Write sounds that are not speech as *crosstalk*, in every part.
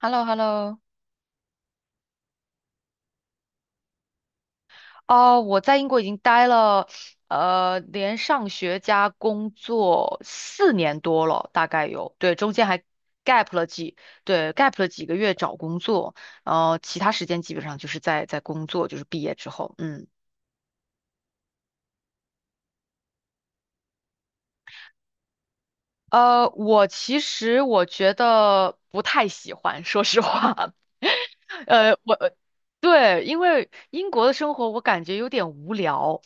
Hello, hello。 哦，我在英国已经待了，连上学加工作4年多了，大概有，对，中间还 gap 了几，对，gap 了几个月找工作，其他时间基本上就是在工作，就是毕业之后，嗯。我其实我觉得不太喜欢，说实话。*laughs* 呃，我对，因为英国的生活我感觉有点无聊，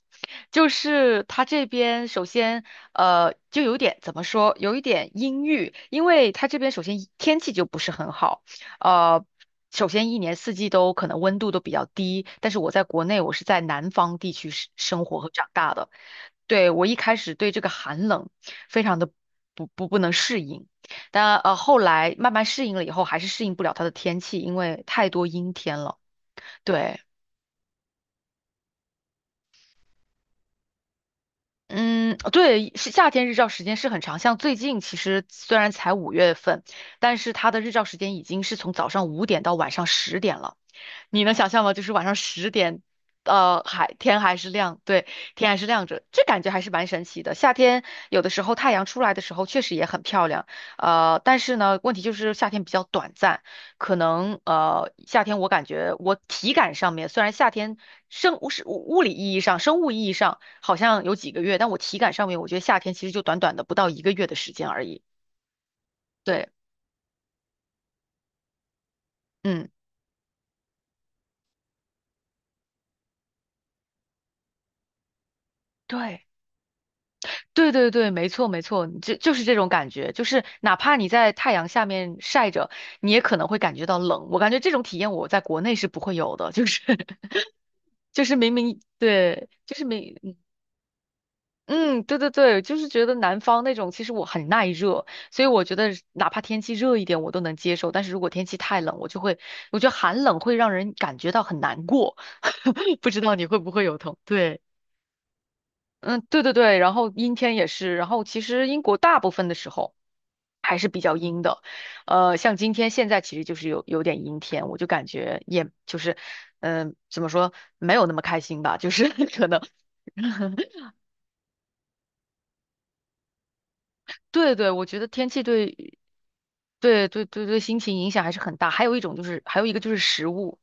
就是他这边首先就有点怎么说，有一点阴郁，因为他这边首先一天气就不是很好，呃。首先，一年四季都可能温度都比较低，但是我在国内，我是在南方地区生活和长大的，对，我一开始对这个寒冷非常的不能适应，但后来慢慢适应了以后，还是适应不了它的天气，因为太多阴天了。对，嗯，对，是夏天日照时间是很长，像最近其实虽然才5月份，但是它的日照时间已经是从早上5点到晚上十点了。你能想象吗？就是晚上十点，还天还是亮，对，天还是亮着，这感觉还是蛮神奇的。夏天有的时候太阳出来的时候确实也很漂亮，但是呢，问题就是夏天比较短暂，可能夏天我感觉我体感上面虽然夏天生物是物物理意义上、生物意义上好像有几个月，但我体感上面我觉得夏天其实就短短的不到一个月的时间而已。对，嗯，对。对对对，没错没错，就是这种感觉，就是哪怕你在太阳下面晒着，你也可能会感觉到冷。我感觉这种体验我在国内是不会有的，就是 *laughs* 就是对，就是明嗯，嗯对对对，就是觉得南方那种其实我很耐热，所以我觉得哪怕天气热一点我都能接受，但是如果天气太冷，我就会我觉得寒冷会让人感觉到很难过，*laughs* 不知道你会不会有同对。嗯，对对对，然后阴天也是，然后其实英国大部分的时候还是比较阴的，像今天现在其实就是有点阴天，我就感觉也就是，嗯、怎么说没有那么开心吧，就是 *laughs* 可能，对对，我觉得天气对心情影响还是很大，还有一种就是还有一个就是食物，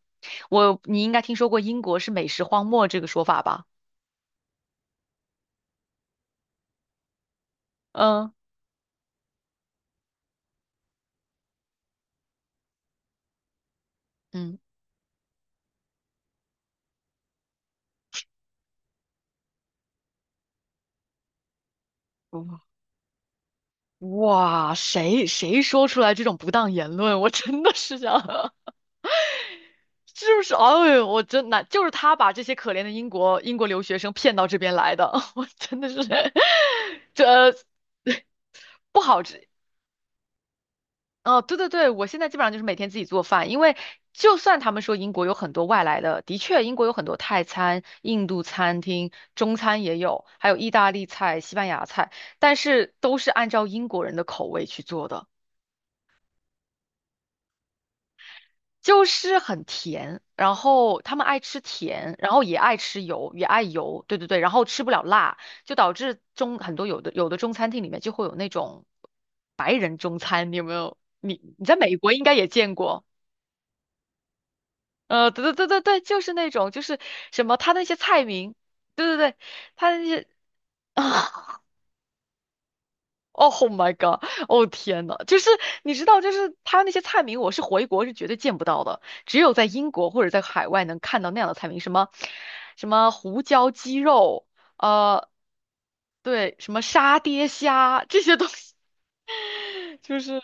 你应该听说过英国是美食荒漠这个说法吧？嗯嗯。哇，谁说出来这种不当言论，我真的是想，*laughs* 就是哎，呦，我真难，就是他把这些可怜的英国留学生骗到这边来的，*laughs* 我真的是 *laughs* 这不好吃。哦，对对对，我现在基本上就是每天自己做饭，因为就算他们说英国有很多外来的，的确英国有很多泰餐、印度餐厅、中餐也有，还有意大利菜、西班牙菜，但是都是按照英国人的口味去做的。就是很甜，然后他们爱吃甜，然后也爱吃油，也爱油，对对对，然后吃不了辣，就导致中很多有的中餐厅里面就会有那种白人中餐，你有没有？你在美国应该也见过，对对对对对，就是那种就是什么他那些菜名，对对对，他那些。*laughs* *laughs* 哦，Oh my god！哦天呐，就是你知道，就是他那些菜名，我是回国是绝对见不到的，只有在英国或者在海外能看到那样的菜名，什么什么胡椒鸡肉，呃，对，什么沙爹虾这些东西，*laughs* 就是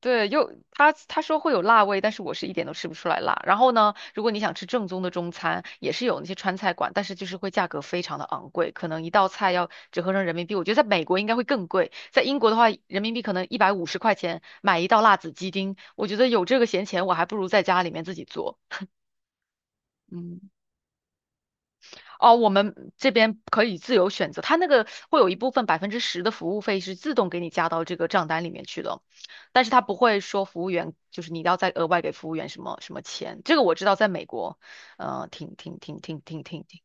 对，又他说会有辣味，但是我是一点都吃不出来辣。然后呢，如果你想吃正宗的中餐，也是有那些川菜馆，但是就是会价格非常的昂贵，可能一道菜要折合成人民币，我觉得在美国应该会更贵，在英国的话，人民币可能150块钱买一道辣子鸡丁，我觉得有这个闲钱，我还不如在家里面自己做。嗯。哦，我们这边可以自由选择，它那个会有一部分10%的服务费是自动给你加到这个账单里面去的，但是它不会说服务员就是你要再额外给服务员什么什么钱。这个我知道，在美国，呃，挺挺挺挺挺挺挺，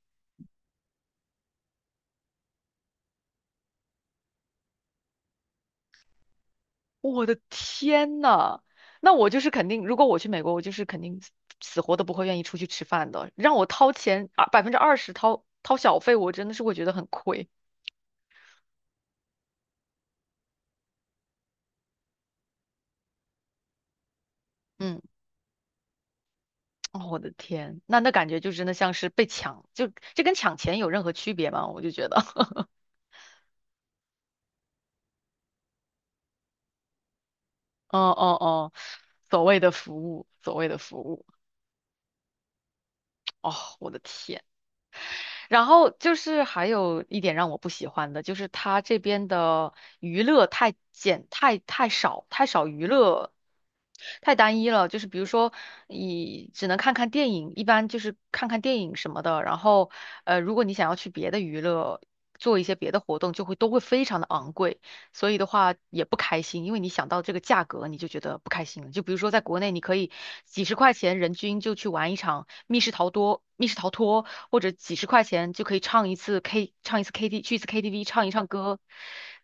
我的天呐，那我就是肯定，如果我去美国，我就是肯定死活都不会愿意出去吃饭的，让我掏钱啊20%掏小费，我真的是会觉得很亏。嗯。哦，我的天，那那感觉就真的像是被抢，就这跟抢钱有任何区别吗？我就觉得，*laughs* 哦哦哦，所谓的服务，所谓的服务，哦，我的天。然后就是还有一点让我不喜欢的，就是他这边的娱乐太简，太少，太少娱乐。太单一了，就是比如说，你只能看看电影，一般就是看看电影什么的。然后，如果你想要去别的娱乐，做一些别的活动，就会都会非常的昂贵。所以的话也不开心，因为你想到这个价格，你就觉得不开心了。就比如说在国内，你可以几十块钱人均就去玩一场密室逃脱，或者几十块钱就可以唱一次 K，唱一次 KT，去一次 KTV 唱一唱歌。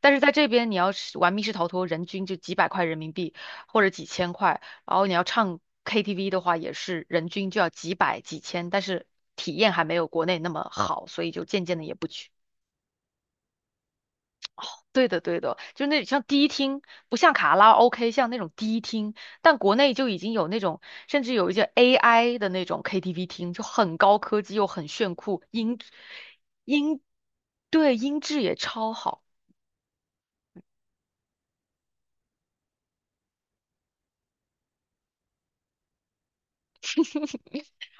但是在这边，你要是玩密室逃脱，人均就几百块人民币或者几千块，然后你要唱 KTV 的话，也是人均就要几百几千，但是体验还没有国内那么好，所以就渐渐的也不去。对的，对的，就那像迪厅，不像卡拉 OK，像那种迪厅，但国内就已经有那种，甚至有一些 AI 的那种 KTV 厅，就很高科技又很炫酷，音对音质也超好。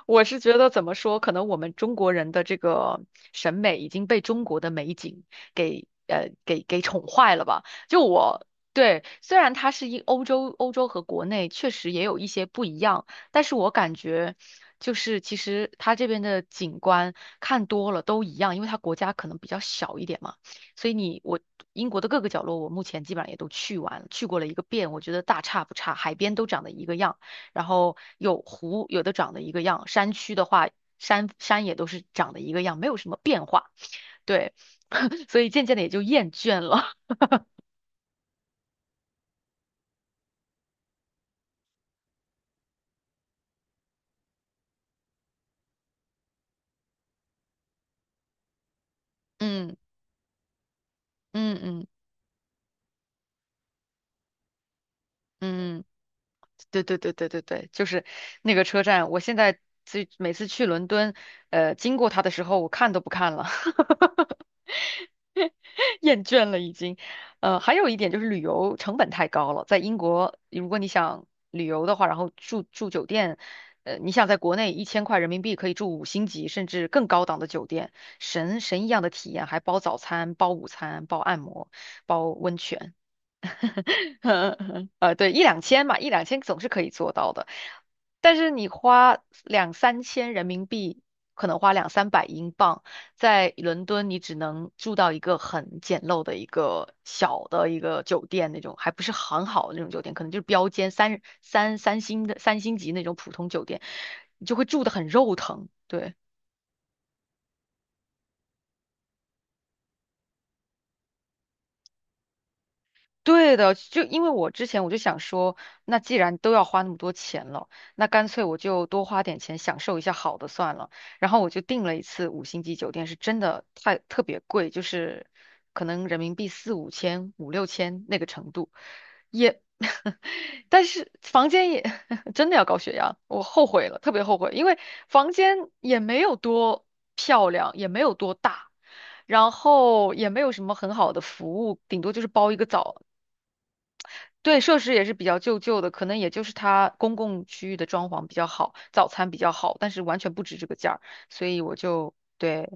我是觉得怎么说，可能我们中国人的这个审美已经被中国的美景给宠坏了吧？就我对，虽然它是欧洲和国内确实也有一些不一样，但是我感觉就是其实它这边的景观看多了都一样，因为它国家可能比较小一点嘛，所以我英国的各个角落我目前基本上也都去完了，去过了一个遍，我觉得大差不差，海边都长得一个样。然后有湖，有的长得一个样，山区的话，山也都是长得一个样，没有什么变化。对，*laughs* 所以渐渐的也就厌倦了。*laughs* 嗯嗯嗯嗯，对对对对对对，就是那个车站，我现在每次去伦敦，经过它的时候，我看都不看了。*laughs* 厌倦了已经。还有一点就是旅游成本太高了，在英国，如果你想旅游的话，然后住酒店，你想在国内1000块人民币可以住五星级甚至更高档的酒店，神一样的体验，还包早餐、包午餐、包按摩、包温泉。*laughs* 对，一两千嘛，一两千总是可以做到的。但是你花两三千人民币，可能花两三百英镑，在伦敦你只能住到一个很简陋的一个小的一个酒店那种，还不是很好的那种酒店，可能就是标间三星级那种普通酒店，你就会住得很肉疼。对。对的，就因为我之前我就想说，那既然都要花那么多钱了，那干脆我就多花点钱享受一下好的算了。然后我就订了一次五星级酒店，是真的太特别贵，就是可能人民币四五千、五六千那个程度，也，*laughs* 但是房间也 *laughs* 真的要高血压，我后悔了，特别后悔，因为房间也没有多漂亮，也没有多大。然后也没有什么很好的服务，顶多就是包一个澡，对，设施也是比较旧旧的，可能也就是它公共区域的装潢比较好，早餐比较好，但是完全不值这个价儿，所以我就对，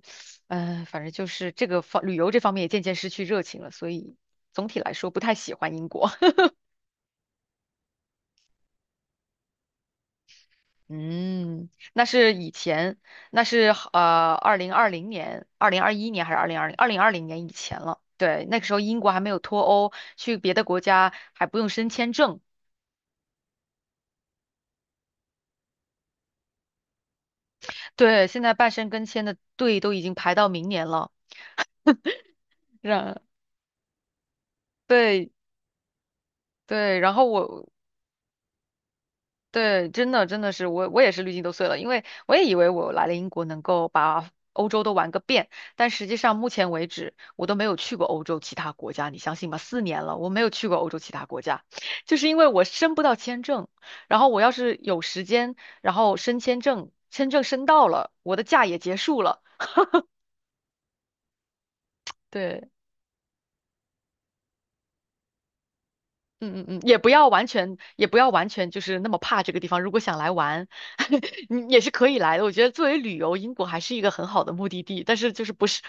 反正就是这个方旅游这方面也渐渐失去热情了，所以总体来说不太喜欢英国。*laughs* 嗯，那是以前，那是二零二零年、2021年还是二零二零年以前了。对，那个时候英国还没有脱欧，去别的国家还不用申签证。对，现在办申根签的队都已经排到明年了。然，对对，然后我对真的真的是我也是滤镜都碎了，因为我也以为我来了英国能够把欧洲都玩个遍，但实际上目前为止我都没有去过欧洲其他国家，你相信吗？4年了，我没有去过欧洲其他国家，就是因为我申不到签证，然后我要是有时间，然后申签证，签证申到了，我的假也结束了，对。嗯嗯嗯，也不要完全，也不要完全就是那么怕这个地方。如果想来玩，*laughs* 你也是可以来的。我觉得作为旅游，英国还是一个很好的目的地。但是就是不是，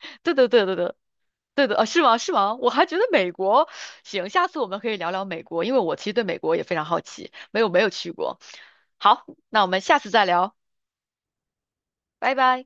*laughs* 对对对对对，对的，啊是吗？是吗？我还觉得美国行，下次我们可以聊聊美国，因为我其实对美国也非常好奇，没有去过。好，那我们下次再聊，拜拜。